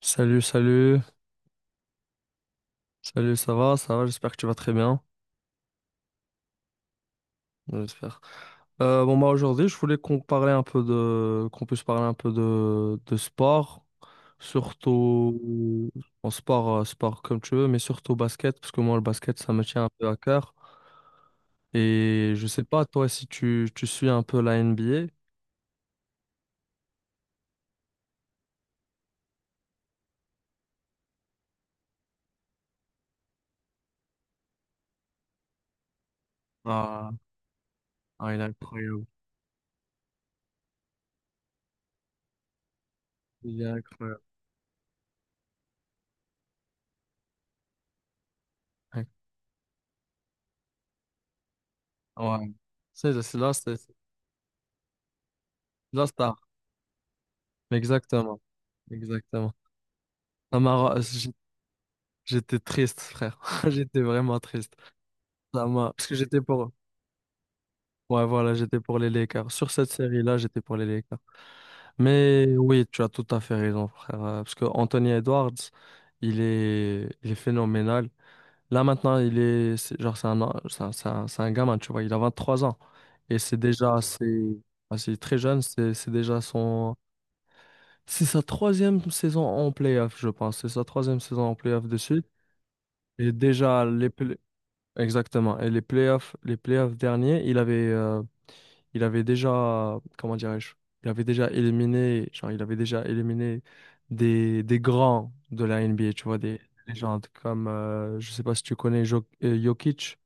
Salut, salut, salut, ça va, j'espère que tu vas très bien, j'espère. Bon, bah aujourd'hui, je voulais qu'on puisse parler un peu de sport, surtout en sport, sport comme tu veux, mais surtout basket, parce que moi, le basket, ça me tient un peu à cœur. Et je sais pas, toi, si tu suis un peu la NBA. Ah, ah, il est incroyable. Il est incroyable. Ouais. C'est là, c'est la star. Exactement. Exactement. Ça m'a ra- J'étais triste, frère. J'étais vraiment triste. Parce que j'étais pour... Ouais, voilà, j'étais pour les Lakers. Sur cette série-là, j'étais pour les Lakers. Mais oui, tu as tout à fait raison, frère. Parce que Anthony Edwards, il est phénoménal. Là, maintenant, il est... c'est- Genre, c'est un... an- c'est un... c'est un c'est un gamin, tu vois. Il a 23 ans. Et c'est déjà assez... assez très jeune. C'est déjà son... C'est sa troisième saison en playoff, je pense. C'est sa troisième saison en playoff de suite. Et déjà, les, pla- Exactement. Et les playoffs derniers, il avait déjà, comment dirais-je, il avait déjà éliminé des grands de la NBA, tu vois, des légendes comme, je sais pas si tu connais Jokic,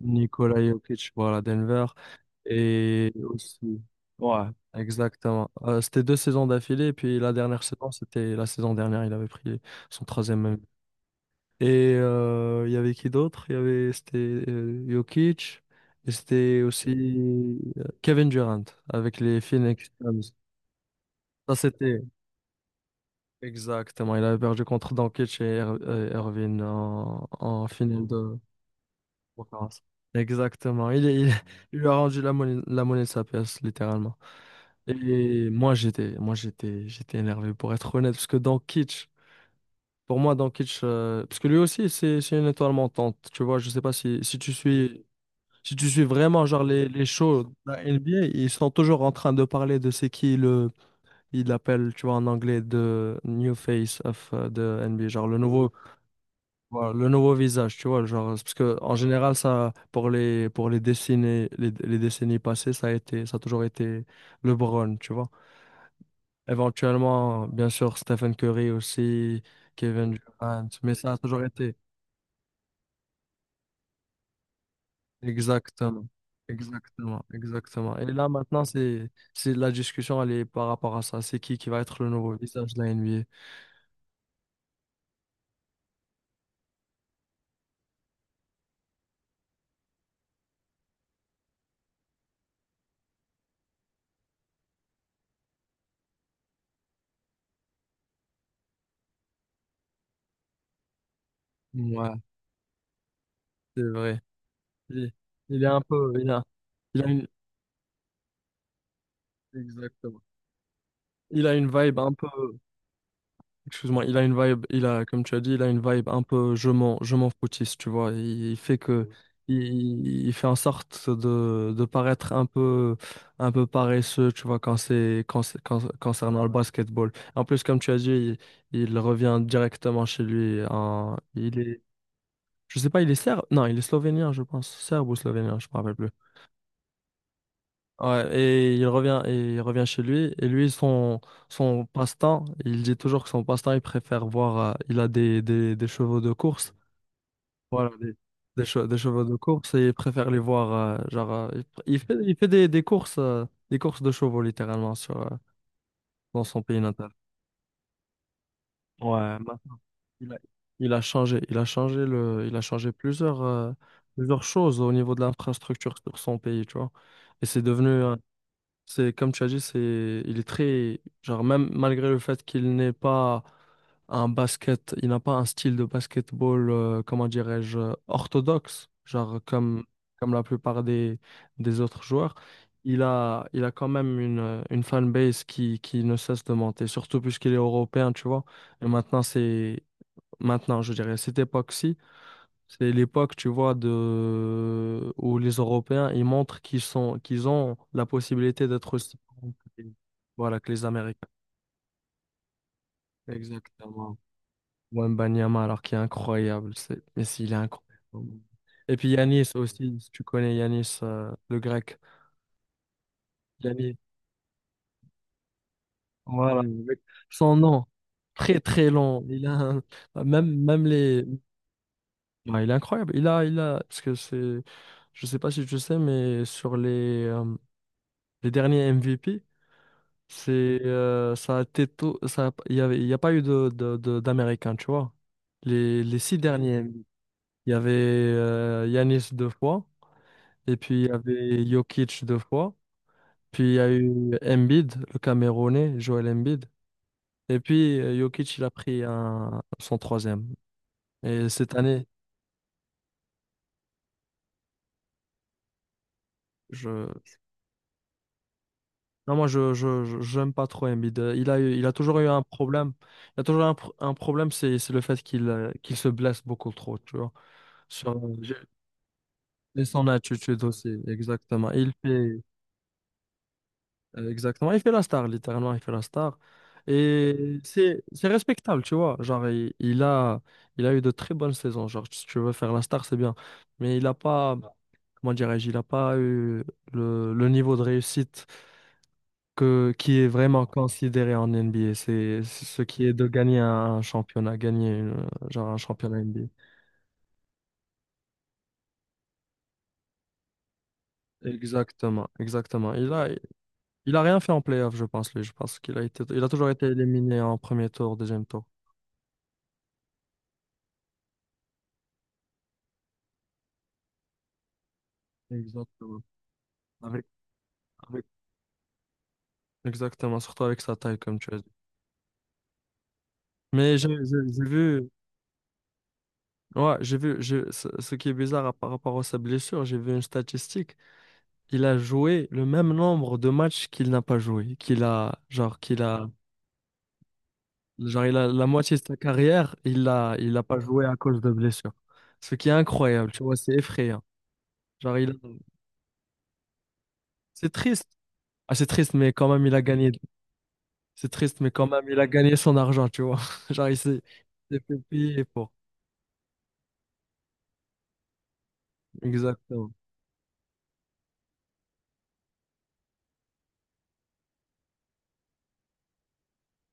Nikola Jokic, voilà, Denver, et aussi, ouais, exactement. C'était deux saisons d'affilée, et puis la dernière saison, c'était la saison dernière, il avait pris son troisième et il y avait qui d'autre? C'était Jokic, et c'était aussi Kevin Durant avec les Phoenix Suns. Ça, c'était Exactement. Il avait perdu contre Doncic et Irving en finale de conférence. Exactement. Il lui a rendu la monnaie de sa pièce, littéralement. Et moi, j'étais énervé, pour être honnête, parce que Doncic, pour moi, Doncic, parce que lui aussi, c'est une étoile montante. Tu vois, je sais pas si tu suis vraiment genre les shows de la NBA, ils sont toujours en train de parler de c'est qui le ils l'appellent, tu vois, en anglais, de new face of the NBA, genre le nouveau voilà, le nouveau visage, tu vois, genre parce que en général ça pour les décennies passées, ça a toujours été LeBron, tu vois. Éventuellement, bien sûr, Stephen Curry aussi, Kevin Durant, mais ça a toujours été Exactement, exactement, exactement. Et là maintenant, c'est la discussion, elle est par rapport à ça. C'est qui va être le nouveau visage de la NBA? Ouais, c'est vrai. Il, il est un peu, il a une, exactement. Il a une vibe un peu. Excuse-moi, il a une vibe, il a, comme tu as dit, il a une vibe un peu je m'en foutiste, tu vois. Il fait que, il fait en sorte de paraître un peu paresseux, tu vois, concernant le basketball. En plus, comme tu as dit, il revient directement chez lui. Il est, je sais pas, il est serbe? Non, il est slovénien, je pense. Serbe ou slovénien, je me rappelle plus. Ouais, et il revient chez lui. Et lui, son passe-temps, il dit toujours que son passe-temps, il préfère voir. Il a des chevaux de course. Voilà, des chevaux de course. Et il préfère les voir. Il fait, des courses, des courses de chevaux, littéralement, dans son pays natal. Ouais, maintenant, il a, il a changé. Il a changé plusieurs, plusieurs choses au niveau de l'infrastructure sur son pays, tu vois. Et c'est devenu. C'est comme tu as dit, c'est il est très genre même malgré le fait qu'il n'est pas un basket, il n'a pas un style de basketball comment dirais-je orthodoxe, genre comme la plupart des autres joueurs, il a quand même une fanbase qui ne cesse de monter, surtout puisqu'il est européen, tu vois. Et maintenant je dirais à cette époque-ci c'est l'époque, tu vois, de... où les Européens, ils montrent qu'ils sont, qu'ils ont la possibilité d'être aussi grands voilà, que les Américains. Exactement. Wembanyama, alors qu'il est incroyable. C'est... Mais s'il est incroyable. Et puis Yanis aussi, si tu connais Yanis, le grec. Yanis, voilà, avec son nom, très très long. Même, même les... Ouais, il est incroyable. Il a... Parce que c'est... Je sais pas si tu sais, mais sur les derniers MVP, C'est, ça a été tout, ça, il y a pas eu d'Américains, tu vois. Les six derniers, il y avait Yanis deux fois, et puis il y avait Jokic deux fois, puis il y a eu Embiid, le Camerounais, Joel Embiid, et puis Jokic, il a pris son troisième. Et cette année, je, non, moi, j'aime pas trop Embiid. Il a eu, il a toujours eu un problème. Il a toujours eu un problème, c'est le fait qu'il, qu'il se blesse beaucoup trop, tu vois sur- Et son attitude aussi, exactement. Il fait, exactement, il fait la star, littéralement, il fait la star. Et c'est respectable, tu vois. Genre, il a eu de très bonnes saisons. Genre, si tu veux faire la star, c'est bien. Mais il n'a pas, comment dirais-je, il n'a pas eu le niveau de réussite que, qui est vraiment considéré en NBA. C'est ce qui est de gagner un championnat, gagner un championnat NBA. Exactement, exactement. Il a rien fait en playoff, je pense, lui. Je pense qu'il a été, il a toujours été éliminé en premier tour, deuxième tour. Exactement. Avec, avec- Exactement, surtout avec sa taille, comme tu as dit. Mais j'ai vu, ouais, j'ai vu, ce qui est bizarre par rapport à sa blessure, j'ai vu une statistique. Il a joué le même nombre de matchs qu'il n'a pas joué, qu'il a, genre, il a la moitié de sa carrière, il a pas joué à cause de blessure. Ce qui est incroyable, tu vois, c'est effrayant. Genre, c'est triste. Ah, c'est triste, mais quand même, il a gagné C'est triste, mais quand même, il a gagné son argent, tu vois. Genre, il s'est fait payer pour. Exactement.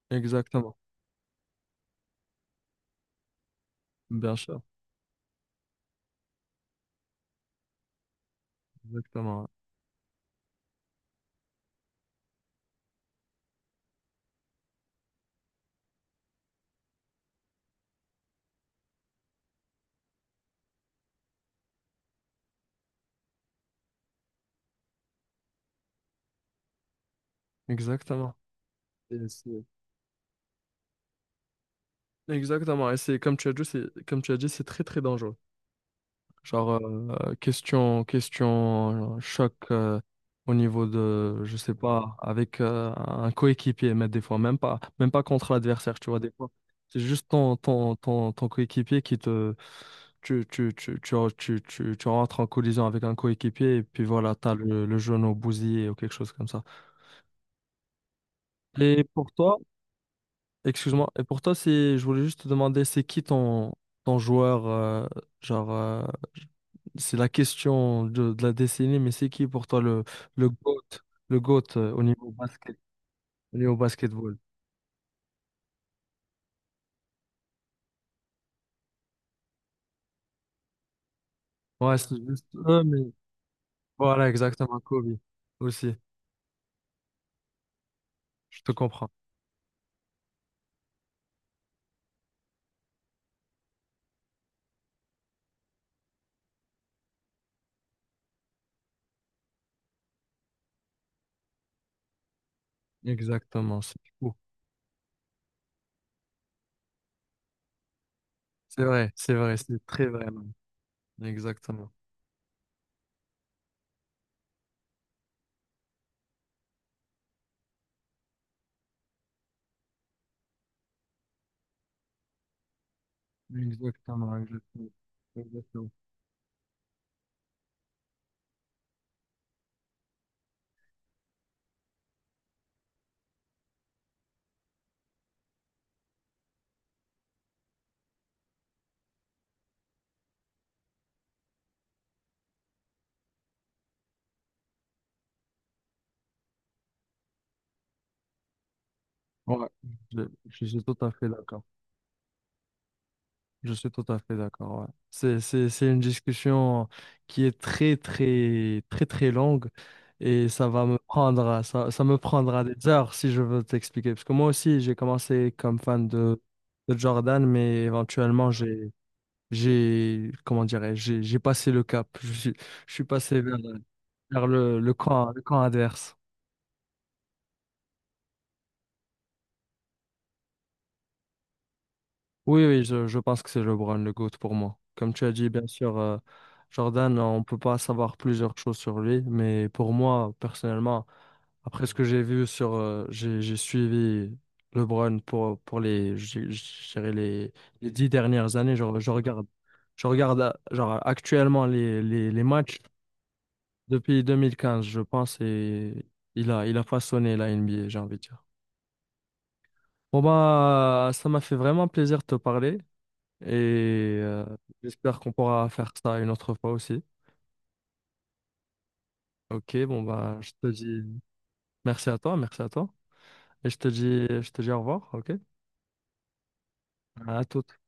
Exactement. Bien sûr. Exactement. Ouais. Exactement. Et c'est- Exactement. Et c'est, comme tu as dit, c'est très, très dangereux. Genre, question, choc au niveau de, je sais pas, avec un coéquipier, mais des fois, même pas contre l'adversaire, tu vois, des fois. C'est juste ton, ton coéquipier qui te. Tu rentres en collision avec un coéquipier et puis voilà, t'as le genou bousillé ou quelque chose comme ça. Et pour toi, Excuse-moi, et pour toi, je voulais juste te demander, c'est qui ton, joueur, genre, euh, c'est la question de la décennie, mais c'est qui pour toi le GOAT, le GOAT au niveau basket, au niveau basketball? Ouais, c'est juste eux, mais voilà, exactement, Kobe aussi, je te comprends. Exactement, c'est fou. C'est vrai, c'est vrai, c'est très vrai, même. Exactement. Exactement, exactement. Exactement. Ouais, je, je suis tout à fait d'accord. Je suis tout à fait d'accord. Ouais. C'est une discussion qui est très, très, très, très longue et ça va me prendre, ça me prendra des heures si je veux t'expliquer. Parce que moi aussi, j'ai commencé comme fan de Jordan, mais éventuellement, comment dirais-je, j'ai passé le cap. Je suis passé vers le camp, le camp, adverse. Oui, oui, je pense que c'est LeBron le GOAT pour moi. Comme tu as dit, bien sûr, Jordan, on ne peut pas savoir plusieurs choses sur lui, mais pour moi, personnellement, après ce que j'ai vu sur, j'ai suivi LeBron pour les, je dirais les 10 dernières années. Je regarde actuellement les matchs depuis 2015, je pense, et il a façonné la NBA, j'ai envie de dire. Bon, bah, ça m'a fait vraiment plaisir de te parler. Et j'espère qu'on pourra faire ça une autre fois aussi. Ok, bon bah je te dis merci à toi, merci à toi. Et je te dis au revoir, ok? À toute.